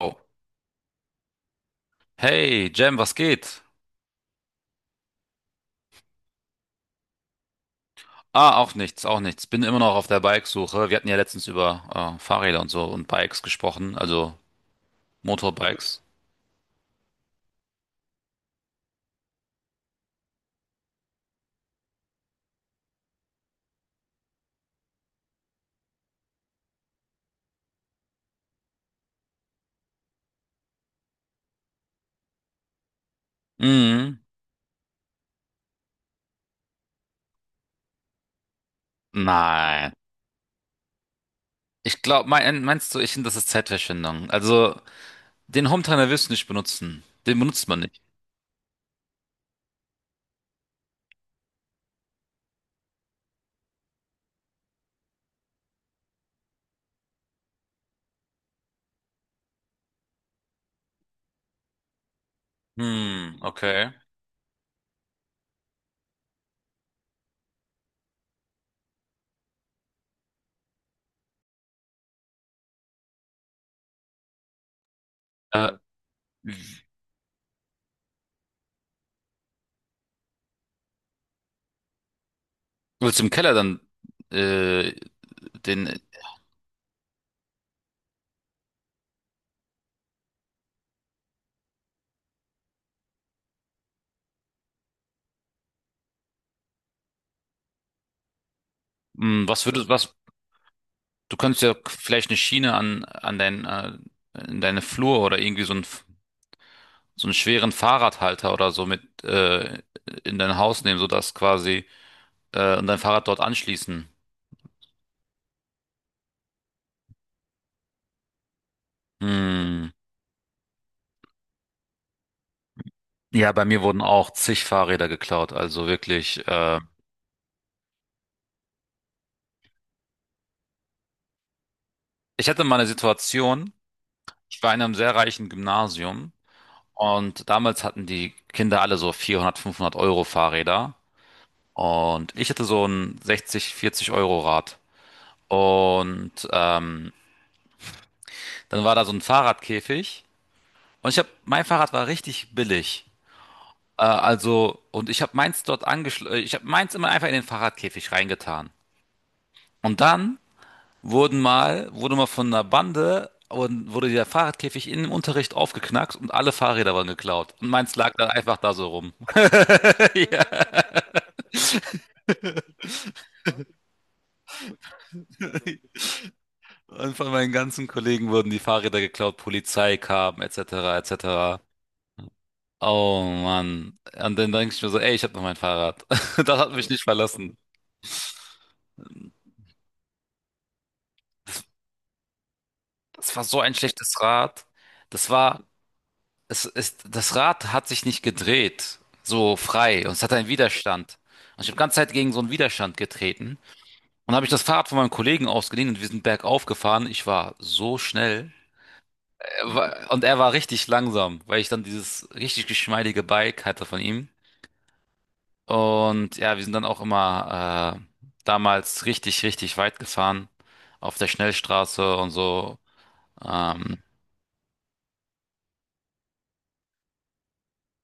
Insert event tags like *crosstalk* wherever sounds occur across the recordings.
Oh. Hey, Jam, was geht? Ah, auch nichts, auch nichts. Bin immer noch auf der Bikesuche. Wir hatten ja letztens über Fahrräder und so und Bikes gesprochen, also Motorbikes. Mhm. Nein. Ich glaube, meinst du, ich finde, das ist Zeitverschwendung. Also, den Hometrainer wirst du nicht benutzen. Den benutzt man nicht. Hm, okay. Äh, Willst du im Keller dann äh, den, mh, was würdest, was, du könntest ja vielleicht eine Schiene an dein, in deine Flur oder irgendwie so ein so einen schweren Fahrradhalter oder so mit in dein Haus nehmen, sodass quasi und dein Fahrrad dort anschließen. Hm. Ja, bei mir wurden auch zig Fahrräder geklaut. Also wirklich. Ich hatte mal eine Situation. Ich war in einem sehr reichen Gymnasium, und damals hatten die Kinder alle so 400, 500 € Fahrräder, und ich hatte so ein 60, 40 € Rad. Und dann war da so ein Fahrradkäfig, und ich habe mein Fahrrad war richtig billig. Also, und ich habe meins dort angeschlossen, ich habe meins immer einfach in den Fahrradkäfig reingetan. Und dann wurde mal von einer Bande und wurde der Fahrradkäfig in dem Unterricht aufgeknackt, und alle Fahrräder waren geklaut. Und meins lag dann einfach da so rum. *laughs* Ja. Und von meinen ganzen Kollegen wurden die Fahrräder geklaut, Polizei kam, etc., etc. Oh Mann. Und dann denke ich mir so, ey, ich habe noch mein Fahrrad. *laughs* Das hat mich nicht verlassen. Das Das war so ein schlechtes Rad. Das war, es ist, das Rad hat sich nicht gedreht, so frei, und es hat einen Widerstand. Und ich habe die ganze Zeit gegen so einen Widerstand getreten. Und habe ich das Fahrrad von meinem Kollegen ausgeliehen, und wir sind bergauf gefahren. Ich war so schnell. Und er war richtig langsam, weil ich dann dieses richtig geschmeidige Bike hatte von ihm. Und ja, wir sind dann auch immer damals richtig, richtig weit gefahren. Auf der Schnellstraße und so. Ähm,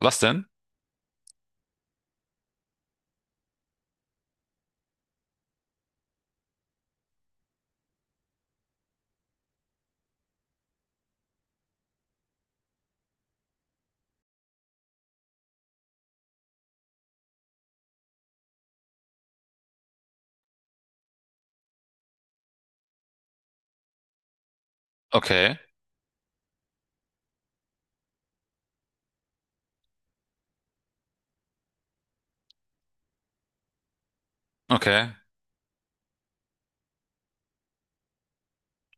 was denn? Okay, okay.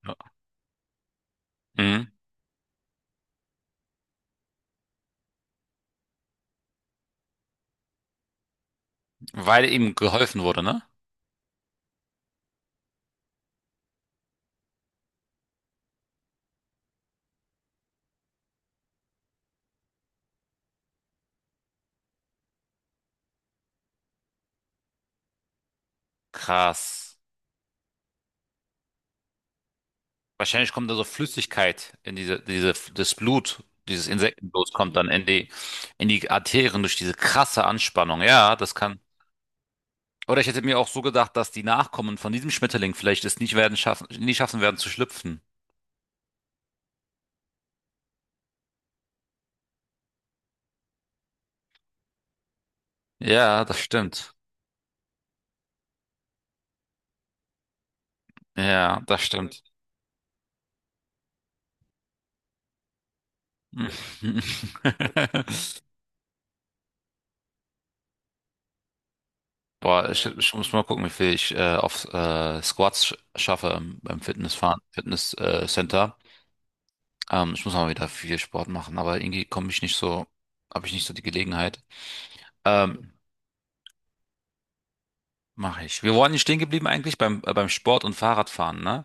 Ja. Mhm. Weil ihm geholfen wurde, ne? Krass. Wahrscheinlich kommt da so Flüssigkeit in das Blut, dieses Insektenblut kommt dann in die Arterien durch diese krasse Anspannung. Ja, das kann. Oder ich hätte mir auch so gedacht, dass die Nachkommen von diesem Schmetterling vielleicht es nicht werden schaffen, nie schaffen werden zu schlüpfen. Ja, das stimmt. Ja, das stimmt. *laughs* Boah, ja, ich muss mal gucken, wie viel ich auf Squats schaffe beim Fitnessfahren, Fitness, Center. Ich muss mal wieder viel Sport machen, aber irgendwie komme ich nicht so, habe ich nicht so die Gelegenheit. Ähm, mache ich. Wir waren nicht stehen geblieben eigentlich beim, beim Sport und Fahrradfahren, ne?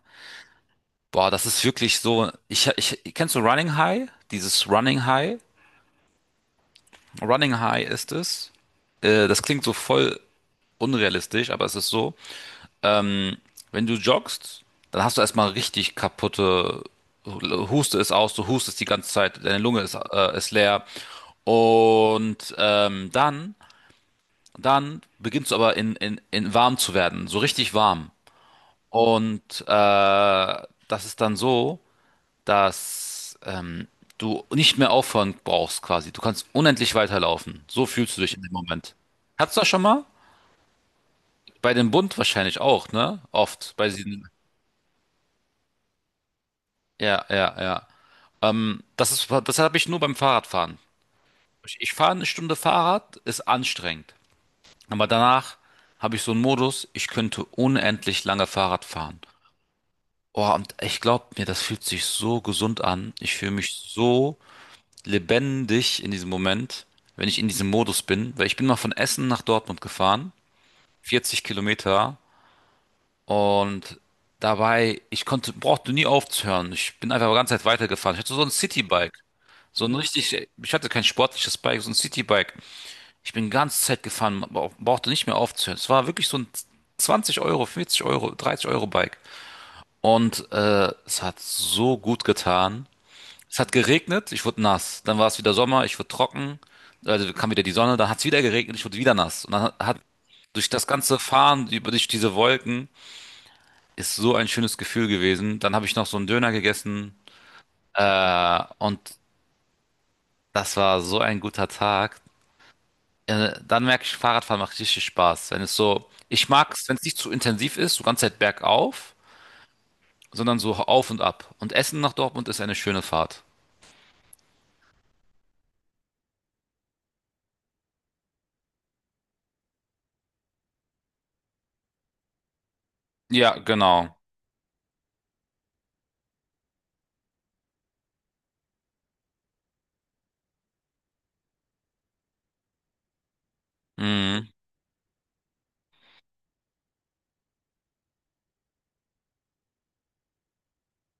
Boah, das ist wirklich so. Kennst du Running High? Dieses Running High? Running High ist es. Das klingt so voll unrealistisch, aber es ist so. Ähm, wenn du joggst, dann hast du erstmal richtig kaputte. Huste ist aus, du hustest die ganze Zeit, deine Lunge ist leer. Und dann und dann beginnst du aber in warm zu werden, so richtig warm. Und das ist dann so, dass du nicht mehr aufhören brauchst quasi. Du kannst unendlich weiterlaufen. So fühlst du dich in dem Moment. Hattest du das schon mal? Bei dem Bund wahrscheinlich auch, ne? Oft. Bei diesen, ja, ja, ja. Das ist, das habe ich nur beim Fahrradfahren. Ich fahre eine Stunde Fahrrad, ist anstrengend. Aber danach habe ich so einen Modus, ich könnte unendlich lange Fahrrad fahren. Oh, und ich glaube mir, das fühlt sich so gesund an. Ich fühle mich so lebendig in diesem Moment, wenn ich in diesem Modus bin. Weil ich bin mal von Essen nach Dortmund gefahren, 40 Kilometer. Und dabei, brauchte nie aufzuhören. Ich bin einfach die ganze Zeit weitergefahren. Ich hatte so ein Citybike. So ein richtig, ich hatte kein sportliches Bike, so ein Citybike. Ich bin die ganze Zeit gefahren, brauchte nicht mehr aufzuhören. Es war wirklich so ein 20 Euro, 40 Euro, 30 € Bike. Und es hat so gut getan. Es hat geregnet, ich wurde nass. Dann war es wieder Sommer, ich wurde trocken. Also kam wieder die Sonne, dann hat es wieder geregnet, ich wurde wieder nass. Und dann hat durch das ganze Fahren, über durch diese Wolken, ist so ein schönes Gefühl gewesen. Dann habe ich noch so einen Döner gegessen. Und das war so ein guter Tag. Dann merke ich, Fahrradfahren macht richtig Spaß. Wenn es so, ich mag es, wenn es nicht zu intensiv ist, so ganze Zeit bergauf, sondern so auf und ab. Und Essen nach Dortmund ist eine schöne Fahrt. Ja, genau. Mhm.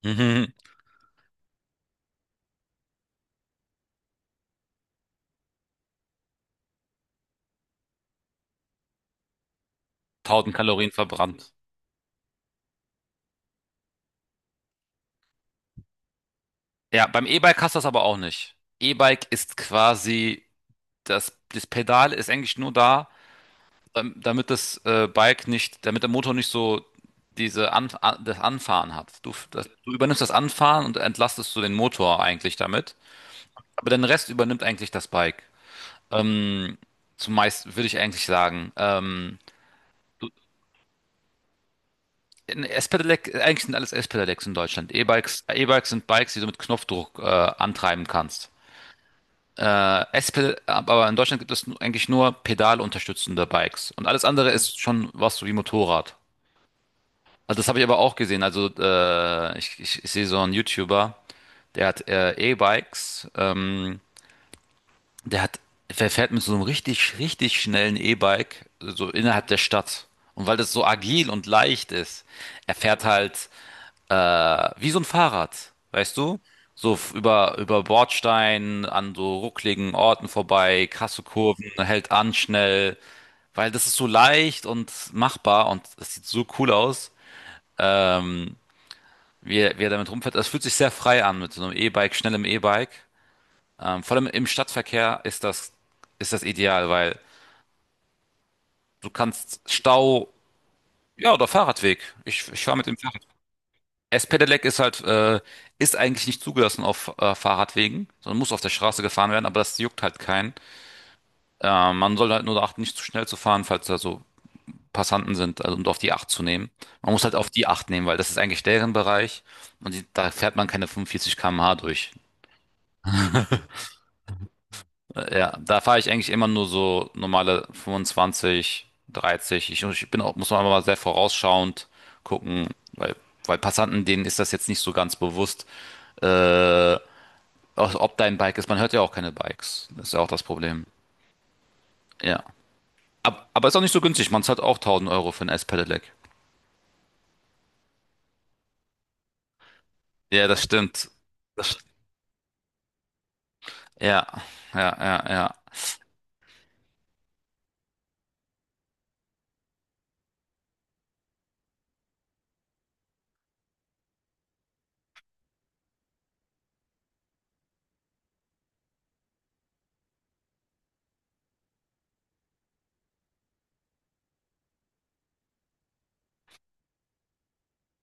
*laughs* 1000 Kalorien verbrannt. Ja, beim E-Bike hast du das aber auch nicht. E-Bike ist quasi, das Pedal ist eigentlich nur da, damit das Bike nicht, damit der Motor nicht so das Anfahren hat. Du übernimmst das Anfahren und entlastest so den Motor eigentlich damit. Aber den Rest übernimmt eigentlich das Bike. Ähm, zumeist würde ich eigentlich sagen. Ein S-Pedelec, eigentlich sind alles S-Pedelecs in Deutschland. E-Bikes sind Bikes, die du mit Knopfdruck antreiben kannst. Aber in Deutschland gibt es eigentlich nur pedalunterstützende Bikes. Und alles andere ist schon was so wie Motorrad. Also das habe ich aber auch gesehen. Also ich sehe so einen YouTuber, der hat der hat, der fährt mit so einem richtig, richtig schnellen E-Bike so innerhalb der Stadt. Und weil das so agil und leicht ist, er fährt halt äh, wie so ein Fahrrad, weißt du? So über Bordsteinen, an so ruckligen Orten vorbei, krasse Kurven, hält an schnell, weil das ist so leicht und machbar und das sieht so cool aus, ähm, wie er damit rumfährt. Es fühlt sich sehr frei an mit so einem E-Bike, schnellem E-Bike. Vor allem im Stadtverkehr ist das ideal, weil du kannst Stau, ja, oder Fahrradweg. Ich fahre mit dem S-Pedelec ist halt, ist eigentlich nicht zugelassen auf Fahrradwegen, sondern muss auf der Straße gefahren werden, aber das juckt halt keinen. Man soll halt nur darauf achten, nicht zu schnell zu fahren, falls da so Passanten sind, also und auf die Acht zu nehmen. Man muss halt auf die Acht nehmen, weil das ist eigentlich deren Bereich, und die, da fährt man keine 45 km/h durch. Ja, da fahre ich eigentlich immer nur so normale 25, 30. Ich bin auch, muss man aber sehr vorausschauend gucken, weil, weil Passanten, denen ist das jetzt nicht so ganz bewusst. Äh, Also ob dein Bike ist, man hört ja auch keine Bikes. Das ist ja auch das Problem. Ja. Aber ist auch nicht so günstig. Man zahlt auch 1.000 € für ein S-Pedelec. Ja, das stimmt. Das, st- ja, ja.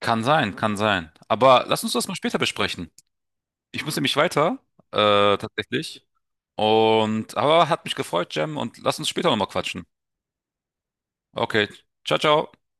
Kann sein, kann sein. Aber lass uns das mal später besprechen. Ich muss nämlich weiter, tatsächlich. Und, aber hat mich gefreut, Jem, und lass uns später nochmal quatschen. Okay, ciao, ciao.